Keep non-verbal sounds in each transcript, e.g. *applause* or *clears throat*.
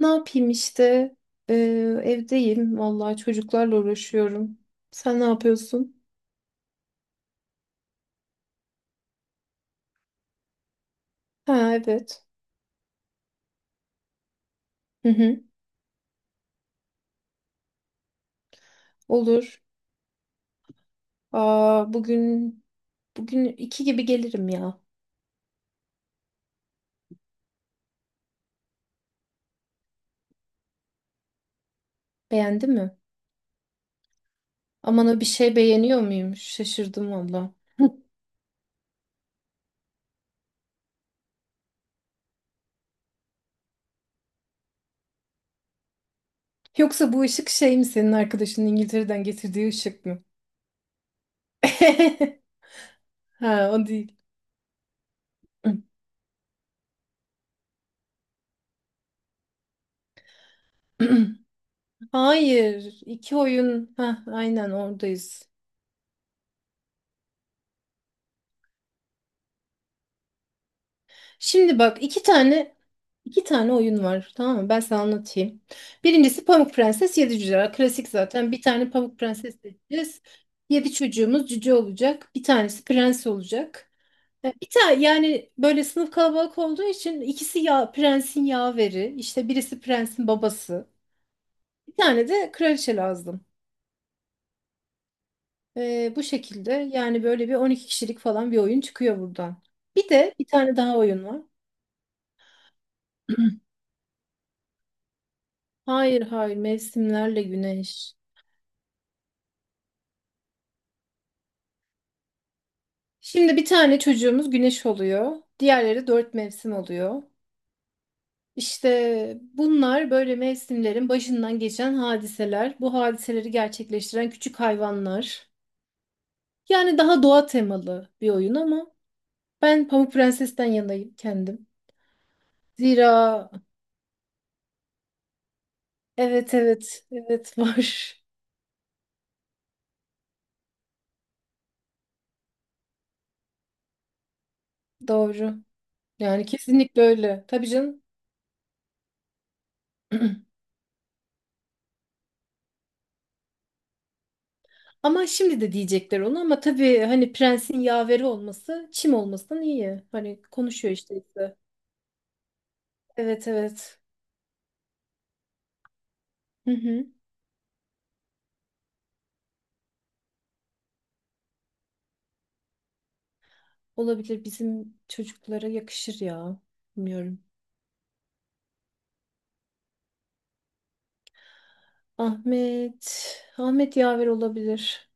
Ne yapayım işte? Ee, Evdeyim. Vallahi çocuklarla uğraşıyorum. Sen ne yapıyorsun? Ha, evet. Hı hı. Olur. Aa, bugün iki gibi gelirim ya. Beğendi mi? Aman, o bir şey beğeniyor muymuş? Şaşırdım valla. *laughs* Yoksa bu ışık şey mi, senin arkadaşının İngiltere'den getirdiği ışık mı? *laughs* Ha, o değil. *clears throat* Hayır. iki oyun. Ha, aynen oradayız. Şimdi bak, iki tane oyun var, tamam mı? Ben sana anlatayım. Birincisi Pamuk Prenses Yedi Cüce. Klasik zaten. Bir tane Pamuk Prenses seçeceğiz. Yedi çocuğumuz cüce olacak. Bir tanesi prens olacak. Bir tane yani, böyle sınıf kalabalık olduğu için ikisi ya prensin yaveri, işte birisi prensin babası. Bir tane de kraliçe lazım. Bu şekilde yani böyle bir 12 kişilik falan bir oyun çıkıyor buradan. Bir de bir tane daha oyun var. Hayır, hayır, mevsimlerle güneş. Şimdi bir tane çocuğumuz güneş oluyor. Diğerleri dört mevsim oluyor. İşte bunlar böyle mevsimlerin başından geçen hadiseler. Bu hadiseleri gerçekleştiren küçük hayvanlar. Yani daha doğa temalı bir oyun ama ben Pamuk Prenses'ten yanayım kendim. Zira evet, evet, evet, *laughs* var. Doğru. Yani kesinlikle öyle. Tabii canım. *clears throat* Ama şimdi de diyecekler onu, ama tabii hani prensin yaveri olması çim olmasından iyi. Hani konuşuyor işte. Evet, evet. Hı hı. Olabilir, bizim çocuklara yakışır ya. Bilmiyorum. Ahmet. Ahmet yaver olabilir.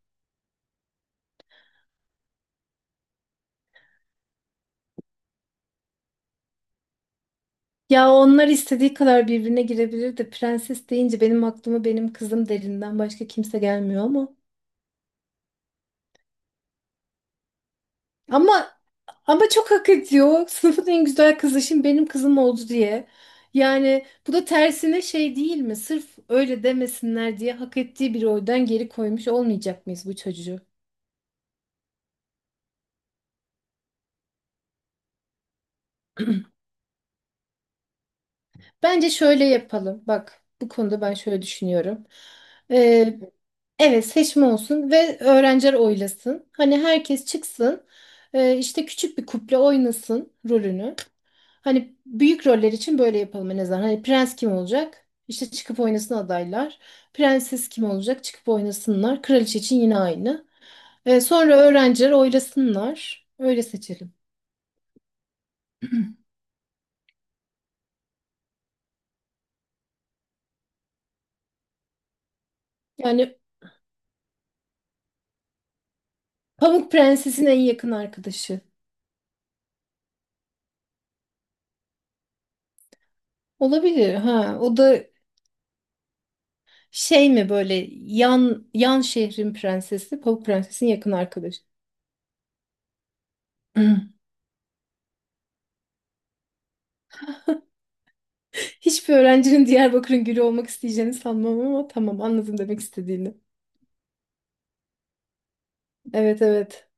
Ya onlar istediği kadar birbirine girebilir de prenses deyince benim aklıma benim kızım derinden başka kimse gelmiyor ama. Ama ama çok hak ediyor. *laughs* Sınıfın en güzel kızı şimdi benim kızım oldu diye. Yani bu da tersine şey değil mi? Sırf öyle demesinler diye hak ettiği bir oydan geri koymuş olmayacak mıyız bu çocuğu? Bence şöyle yapalım. Bak, bu konuda ben şöyle düşünüyorum. Ee, evet, seçme olsun ve öğrenciler oylasın. Hani herkes çıksın, işte küçük bir kuple oynasın rolünü. Hani büyük roller için böyle yapalım en azından. Hani prens kim olacak? İşte çıkıp oynasın adaylar. Prenses kim olacak? Çıkıp oynasınlar. Kraliçe için yine aynı. Sonra öğrenciler oylasınlar. Öyle seçelim. Yani Pamuk Prenses'in en yakın arkadaşı. Olabilir, ha. O da şey mi, böyle yan şehrin prensesi, Pamuk Prenses'in yakın arkadaşı. *clears throat* Hiçbir öğrencinin Diyarbakır'ın gülü olmak isteyeceğini sanmam, ama tamam, anladım demek istediğini. Evet, evet.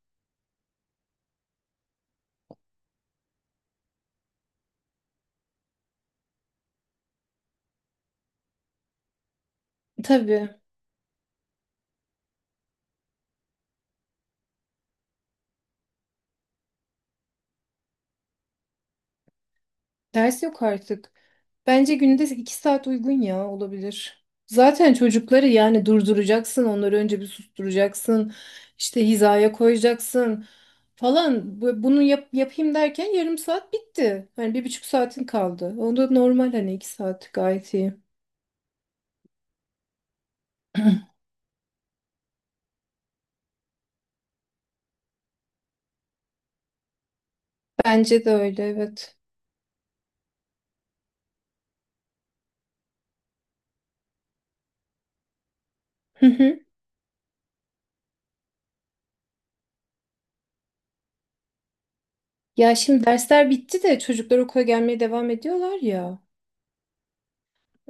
Tabii. Ders yok artık. Bence günde 2 saat uygun ya, olabilir. Zaten çocukları yani durduracaksın. Onları önce bir susturacaksın. İşte hizaya koyacaksın falan. Bunu yapayım derken yarım saat bitti. Hani 1,5 saatin kaldı. O da normal, hani 2 saat gayet iyi. *clears throat* Bence de öyle, evet. Hı hı. Ya şimdi dersler bitti de çocuklar okula gelmeye devam ediyorlar ya.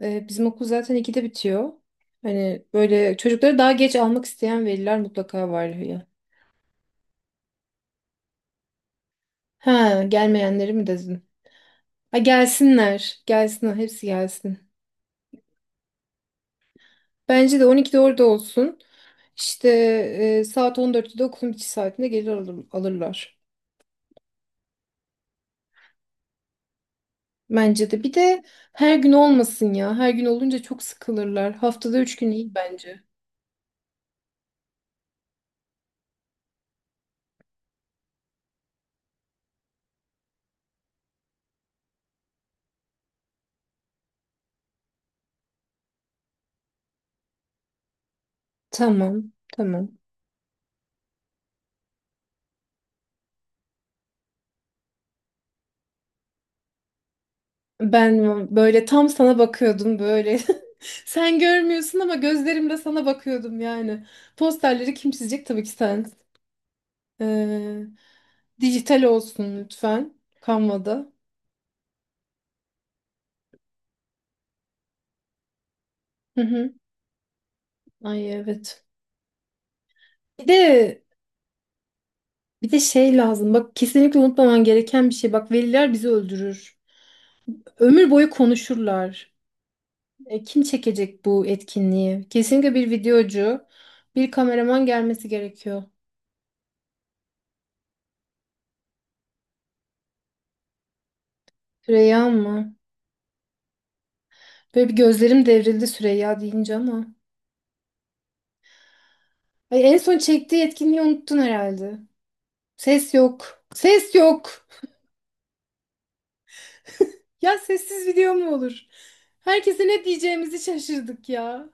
Bizim okul zaten ikide bitiyor. Hani böyle çocukları daha geç almak isteyen veliler mutlaka var ya. Ha, gelmeyenleri mi dedin? Ha, gelsinler. Gelsinler, hepsi gelsin. Bence de 12'de orada olsun. İşte saat 14'te de okulun bitiş saatinde gelir alırlar. Bence de. Bir de her gün olmasın ya. Her gün olunca çok sıkılırlar. Haftada 3 gün iyi bence. Tamam, tamam. Ben böyle tam sana bakıyordum böyle. *laughs* Sen görmüyorsun ama gözlerimle sana bakıyordum yani. Posterleri kim çizecek? Tabii ki sen. Ee, dijital olsun lütfen. Canva'da. Hı hı. Ay, evet. Bir de bir de şey lazım. Bak, kesinlikle unutmaman gereken bir şey. Bak, veliler bizi öldürür. Ömür boyu konuşurlar. Kim çekecek bu etkinliği? Kesinlikle bir videocu, bir kameraman gelmesi gerekiyor. Reyhan mı? Böyle bir gözlerim devrildi Süreyya deyince ama. Ay, en son çektiği etkinliği unuttun herhalde. Ses yok. Ses yok. Ya, sessiz video mu olur? Herkese ne diyeceğimizi şaşırdık ya.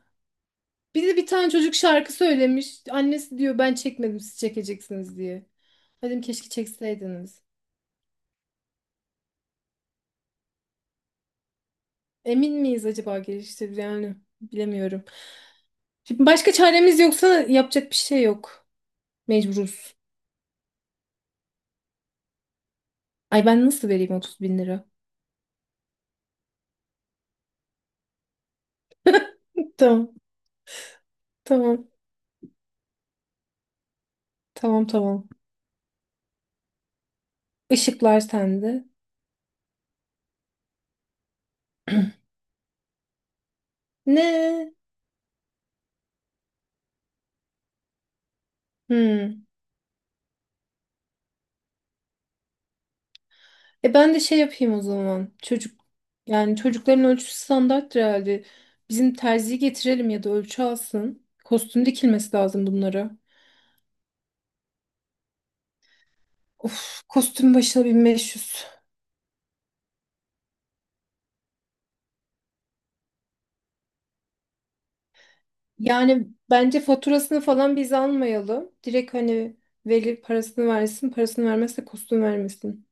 Bir de bir tane çocuk şarkı söylemiş. Annesi diyor, ben çekmedim, siz çekeceksiniz diye. Dedim keşke çekseydiniz. Emin miyiz acaba geliştir, yani bilemiyorum. Şimdi başka çaremiz yoksa yapacak bir şey yok. Mecburuz. Ay, ben nasıl vereyim 30 bin lira? Tamam, tamam, tamam, tamam. Işıklar sende. *clears throat* Ne? Hmm. Ben de şey yapayım o zaman. Yani çocukların ölçüsü standarttır herhalde. Bizim terziyi getirelim ya da ölçü alsın. Kostüm dikilmesi lazım bunlara. Of, kostüm başına 1.500. Yani bence faturasını falan biz almayalım. Direkt hani veli parasını versin, parasını vermezse kostüm vermesin.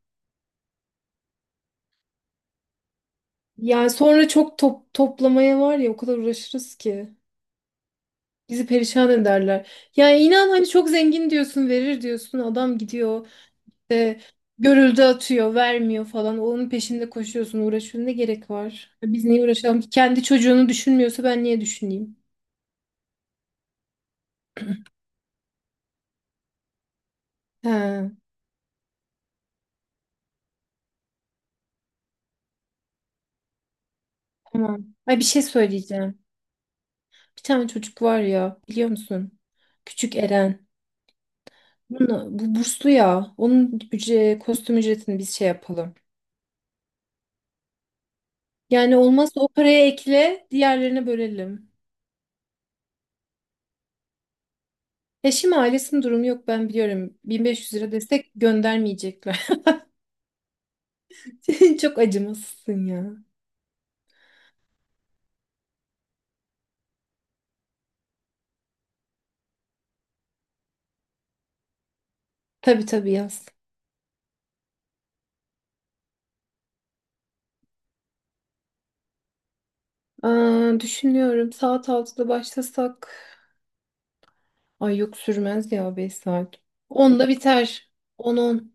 Yani sonra çok toplamaya var ya, o kadar uğraşırız ki. Bizi perişan ederler. Yani inan hani çok zengin diyorsun, verir diyorsun. Adam gidiyor ve görüldü atıyor, vermiyor falan. Onun peşinde koşuyorsun, uğraşıyorsun. Ne gerek var? Biz niye uğraşalım ki? Kendi çocuğunu düşünmüyorsa ben niye düşüneyim? He, tamam. Ay, bir şey söyleyeceğim. Bir tane çocuk var ya, biliyor musun? Küçük Eren. Bu burslu ya. Onun kostüm ücretini biz şey yapalım. Yani olmazsa o paraya ekle, diğerlerine bölelim. Eşim ailesinin durumu yok, ben biliyorum. 1.500 lira destek göndermeyecekler. *laughs* Çok acımasızsın ya. Tabii, tabii, yaz. Aa, düşünüyorum saat 6'da başlasak. Ay, yok, sürmez ya 5 saat. Onda biter. On, on.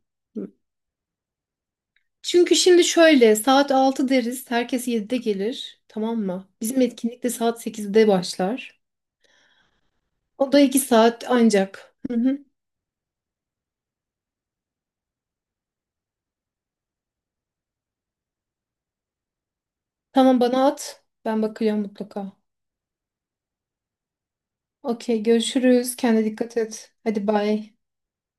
Çünkü şimdi şöyle saat 6 deriz. Herkes 7'de gelir. Tamam mı? Bizim etkinlik de saat 8'de başlar. O da 2 saat ancak. Hı hı. Tamam, bana at. Ben bakacağım mutlaka. Okey, görüşürüz. Kendine dikkat et. Hadi, bay.